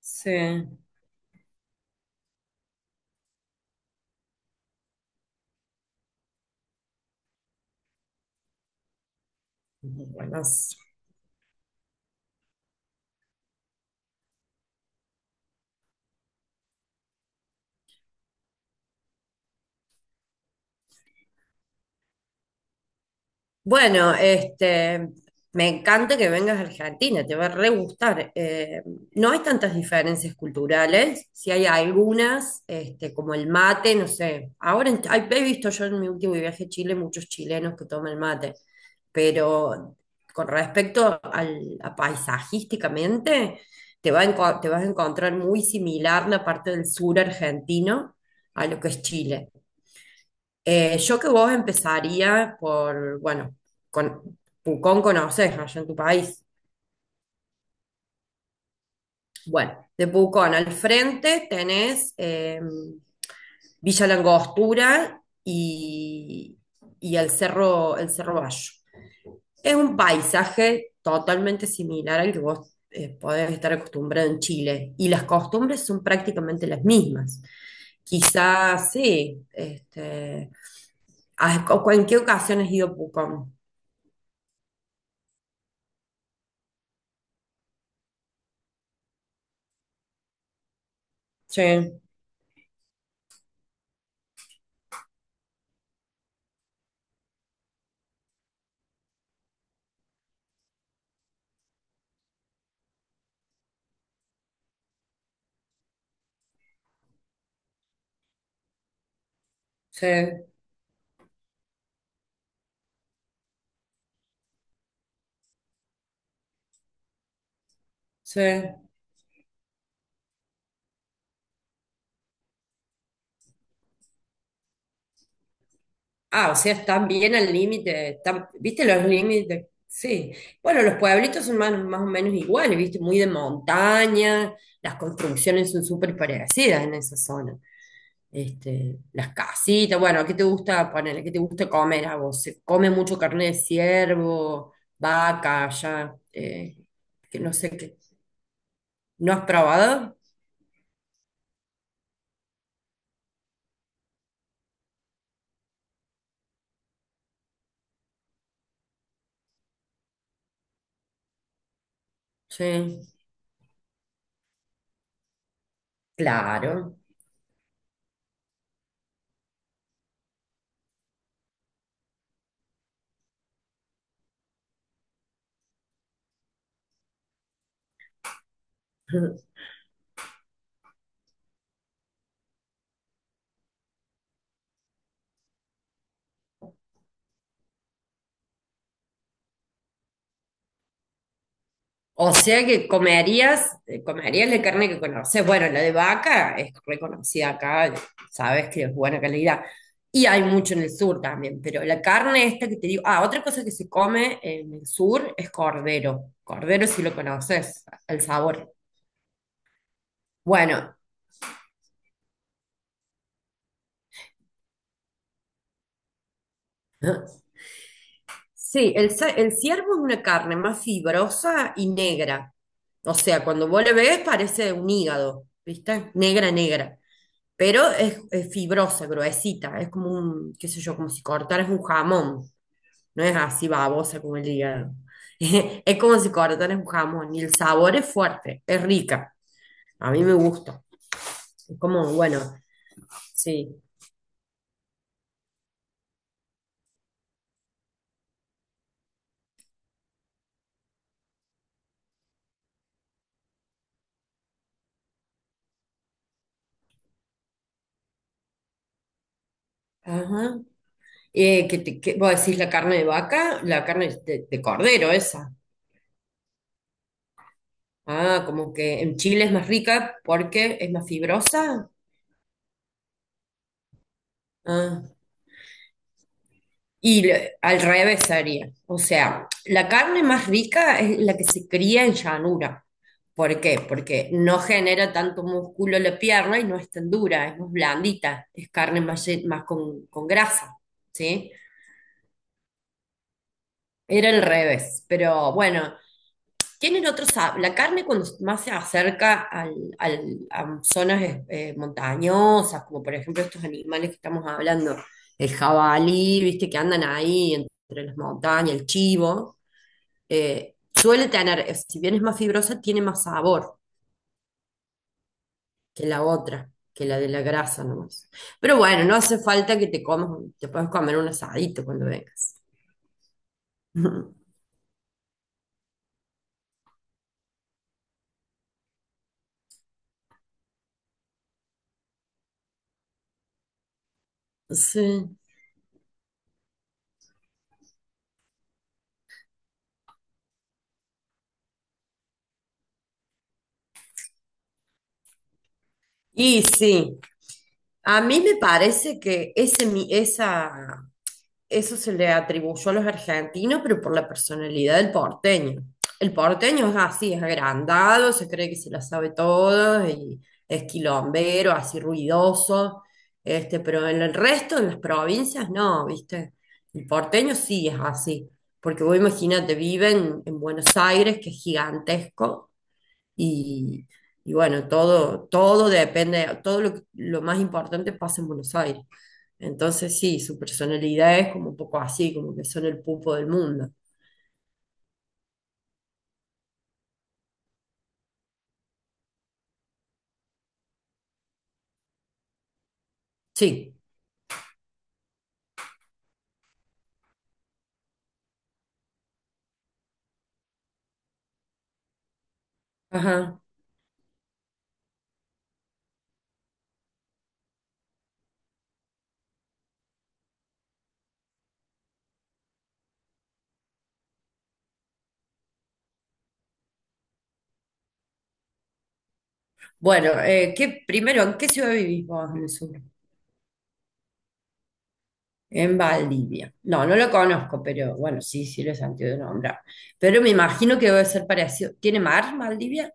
Sí, buenas. Bueno, me encanta que vengas a Argentina, te va a re gustar. No hay tantas diferencias culturales, si hay algunas, como el mate, no sé. He visto yo en mi último viaje a Chile muchos chilenos que toman mate, pero con respecto a paisajísticamente, te vas a encontrar muy similar la parte del sur argentino a lo que es Chile. Yo que vos empezaría por, bueno, con, Pucón conoces, ¿no? Allá en tu país. Bueno, de Pucón al frente tenés Villa Langostura y el Cerro Bayo. Es un paisaje totalmente similar al que vos podés estar acostumbrado en Chile, y las costumbres son prácticamente las mismas. Quizás sí, ¿en qué ocasión has ido a Pucón? Sí, sí, sí. Ah, o sea, están bien al límite, están, ¿viste los límites? Sí. Bueno, los pueblitos son más, más o menos iguales, ¿viste? Muy de montaña, las construcciones son súper parecidas en esa zona. Las casitas, bueno, ¿qué te gusta poner? ¿Qué te gusta comer a vos? ¿Se come mucho carne de ciervo, vaca, ya? Que no sé qué. ¿No has probado? Sí, claro. O sea que comerías, comerías la carne que conoces. Bueno, la de vaca es reconocida acá, sabes que es buena calidad. Y hay mucho en el sur también, pero la carne esta que te digo, ah, otra cosa que se come en el sur es cordero. Cordero si lo conoces, el sabor. Bueno, sí, el ciervo es una carne más fibrosa y negra. O sea, cuando vos le ves parece un hígado, ¿viste? Negra, negra. Pero es fibrosa, gruesita. Es como un, qué sé yo, como si cortaras un jamón. No es así babosa como el hígado. Es como si cortaras un jamón. Y el sabor es fuerte, es rica. A mí me gusta. Es como, bueno, sí. Ajá. Que te, que, vos decís la carne de vaca, la carne de cordero esa. Ah, como que en Chile es más rica porque es más fibrosa. Ah, al revés sería. O sea, la carne más rica es la que se cría en llanura. ¿Por qué? Porque no genera tanto músculo la pierna y no es tan dura, es más blandita, es carne más, más con grasa, ¿sí? Era el revés, pero bueno, tienen otros, la carne cuando más se acerca al, a zonas montañosas, como por ejemplo estos animales que estamos hablando, el jabalí, viste, que andan ahí entre las montañas, el chivo, suele tener, si bien es más fibrosa, tiene más sabor que la otra, que la de la grasa nomás. Pero bueno, no hace falta que te comas, te puedes comer un asadito cuando vengas. Sí. Y sí, a mí me parece que ese, esa, eso se le atribuyó a los argentinos, pero por la personalidad del porteño. El porteño es así, es agrandado, se cree que se la sabe todo y es quilombero, así ruidoso, pero en el resto de las provincias no, ¿viste? El porteño sí es así, porque vos imagínate, viven en Buenos Aires, que es gigantesco. Y bueno, todo, todo depende, todo lo más importante pasa en Buenos Aires. Entonces sí, su personalidad es como un poco así, como que son el pupo del mundo. Sí. Ajá. Bueno, ¿qué, primero, ¿en qué ciudad vivís vos en el sur? En Valdivia. No, no lo conozco, pero bueno, sí, sí lo he sentido de nombrar. Pero me imagino que debe ser parecido. ¿Tiene mar Valdivia?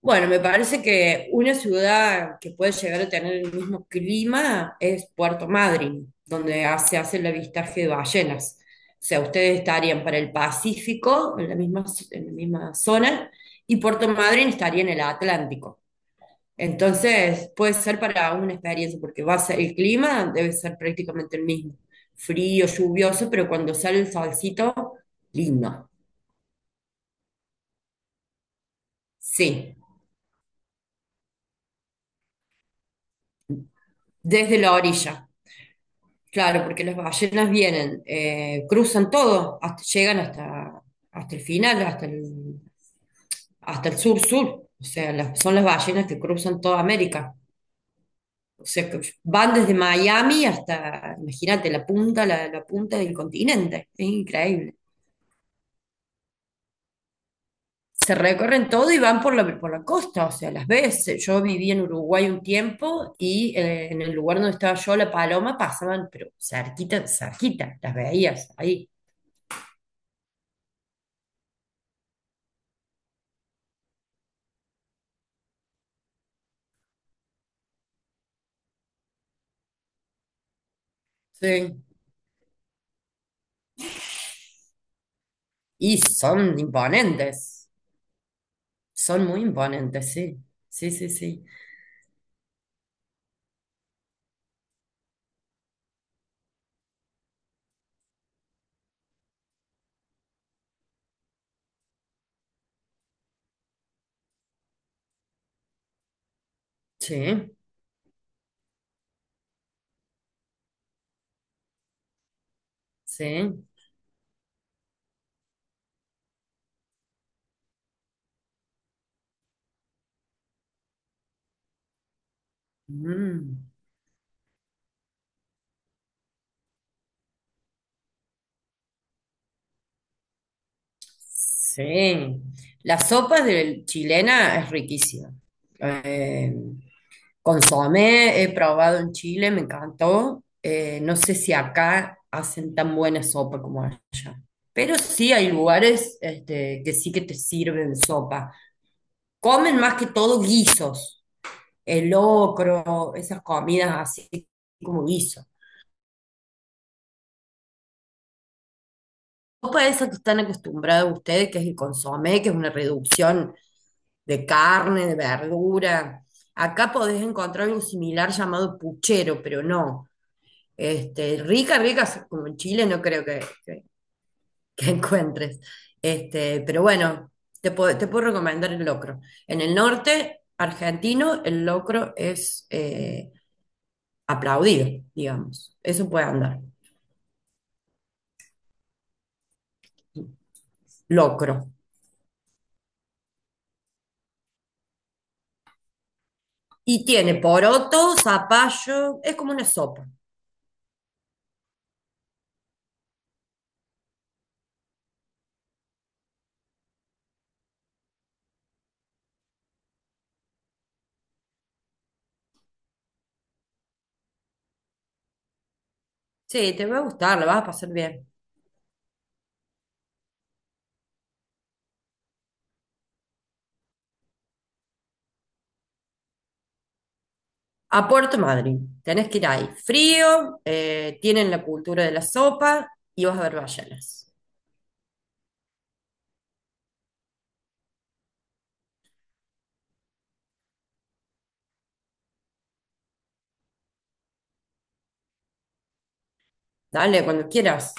Bueno, me parece que una ciudad que puede llegar a tener el mismo clima es Puerto Madryn, donde se hace el avistaje de ballenas. O sea, ustedes estarían para el Pacífico, en la misma zona, y Puerto Madryn estaría en el Atlántico. Entonces, puede ser para una experiencia, porque va a ser el clima, debe ser prácticamente el mismo. Frío, lluvioso, pero cuando sale el solcito, lindo. Sí, desde la orilla. Claro, porque las ballenas vienen, cruzan todo, hasta, llegan hasta, hasta el final, hasta el sur-sur. O sea, son las ballenas que cruzan toda América. O sea, que van desde Miami hasta, imagínate, la punta, la punta del continente. Es increíble. Se recorren todo y van por la costa, o sea, las ves. Yo viví en Uruguay un tiempo y en el lugar donde estaba yo, la paloma, pasaban, pero cerquita, cerquita, las veías ahí. Sí. Y son imponentes, son muy imponentes, sí. Sí, sí, sí. Sí, sí. Mm. Sí, la sopa de chilena es riquísima. Eh, consomé, he probado en Chile, me encantó. No sé si acá hacen tan buena sopa como allá, pero sí hay lugares que sí que te sirven sopa. Comen más que todo guisos, el locro, esas comidas así como guisos. Sopa esa que están acostumbrados ustedes, que es el consomé, que es una reducción de carne, de verdura. Acá podés encontrar algo similar llamado puchero, pero no. Rica, rica, como en Chile no creo que, que- que encuentres. Este, pero bueno, te puedo recomendar el locro. En el norte argentino, el locro es aplaudido, digamos. Eso puede andar. Locro. Y tiene poroto, zapallo, es como una sopa. Sí, te va a gustar, la vas a pasar bien. A Puerto Madryn, tenés que ir ahí. Frío, tienen la cultura de la sopa y vas a ver ballenas. Dale, cuando quieras.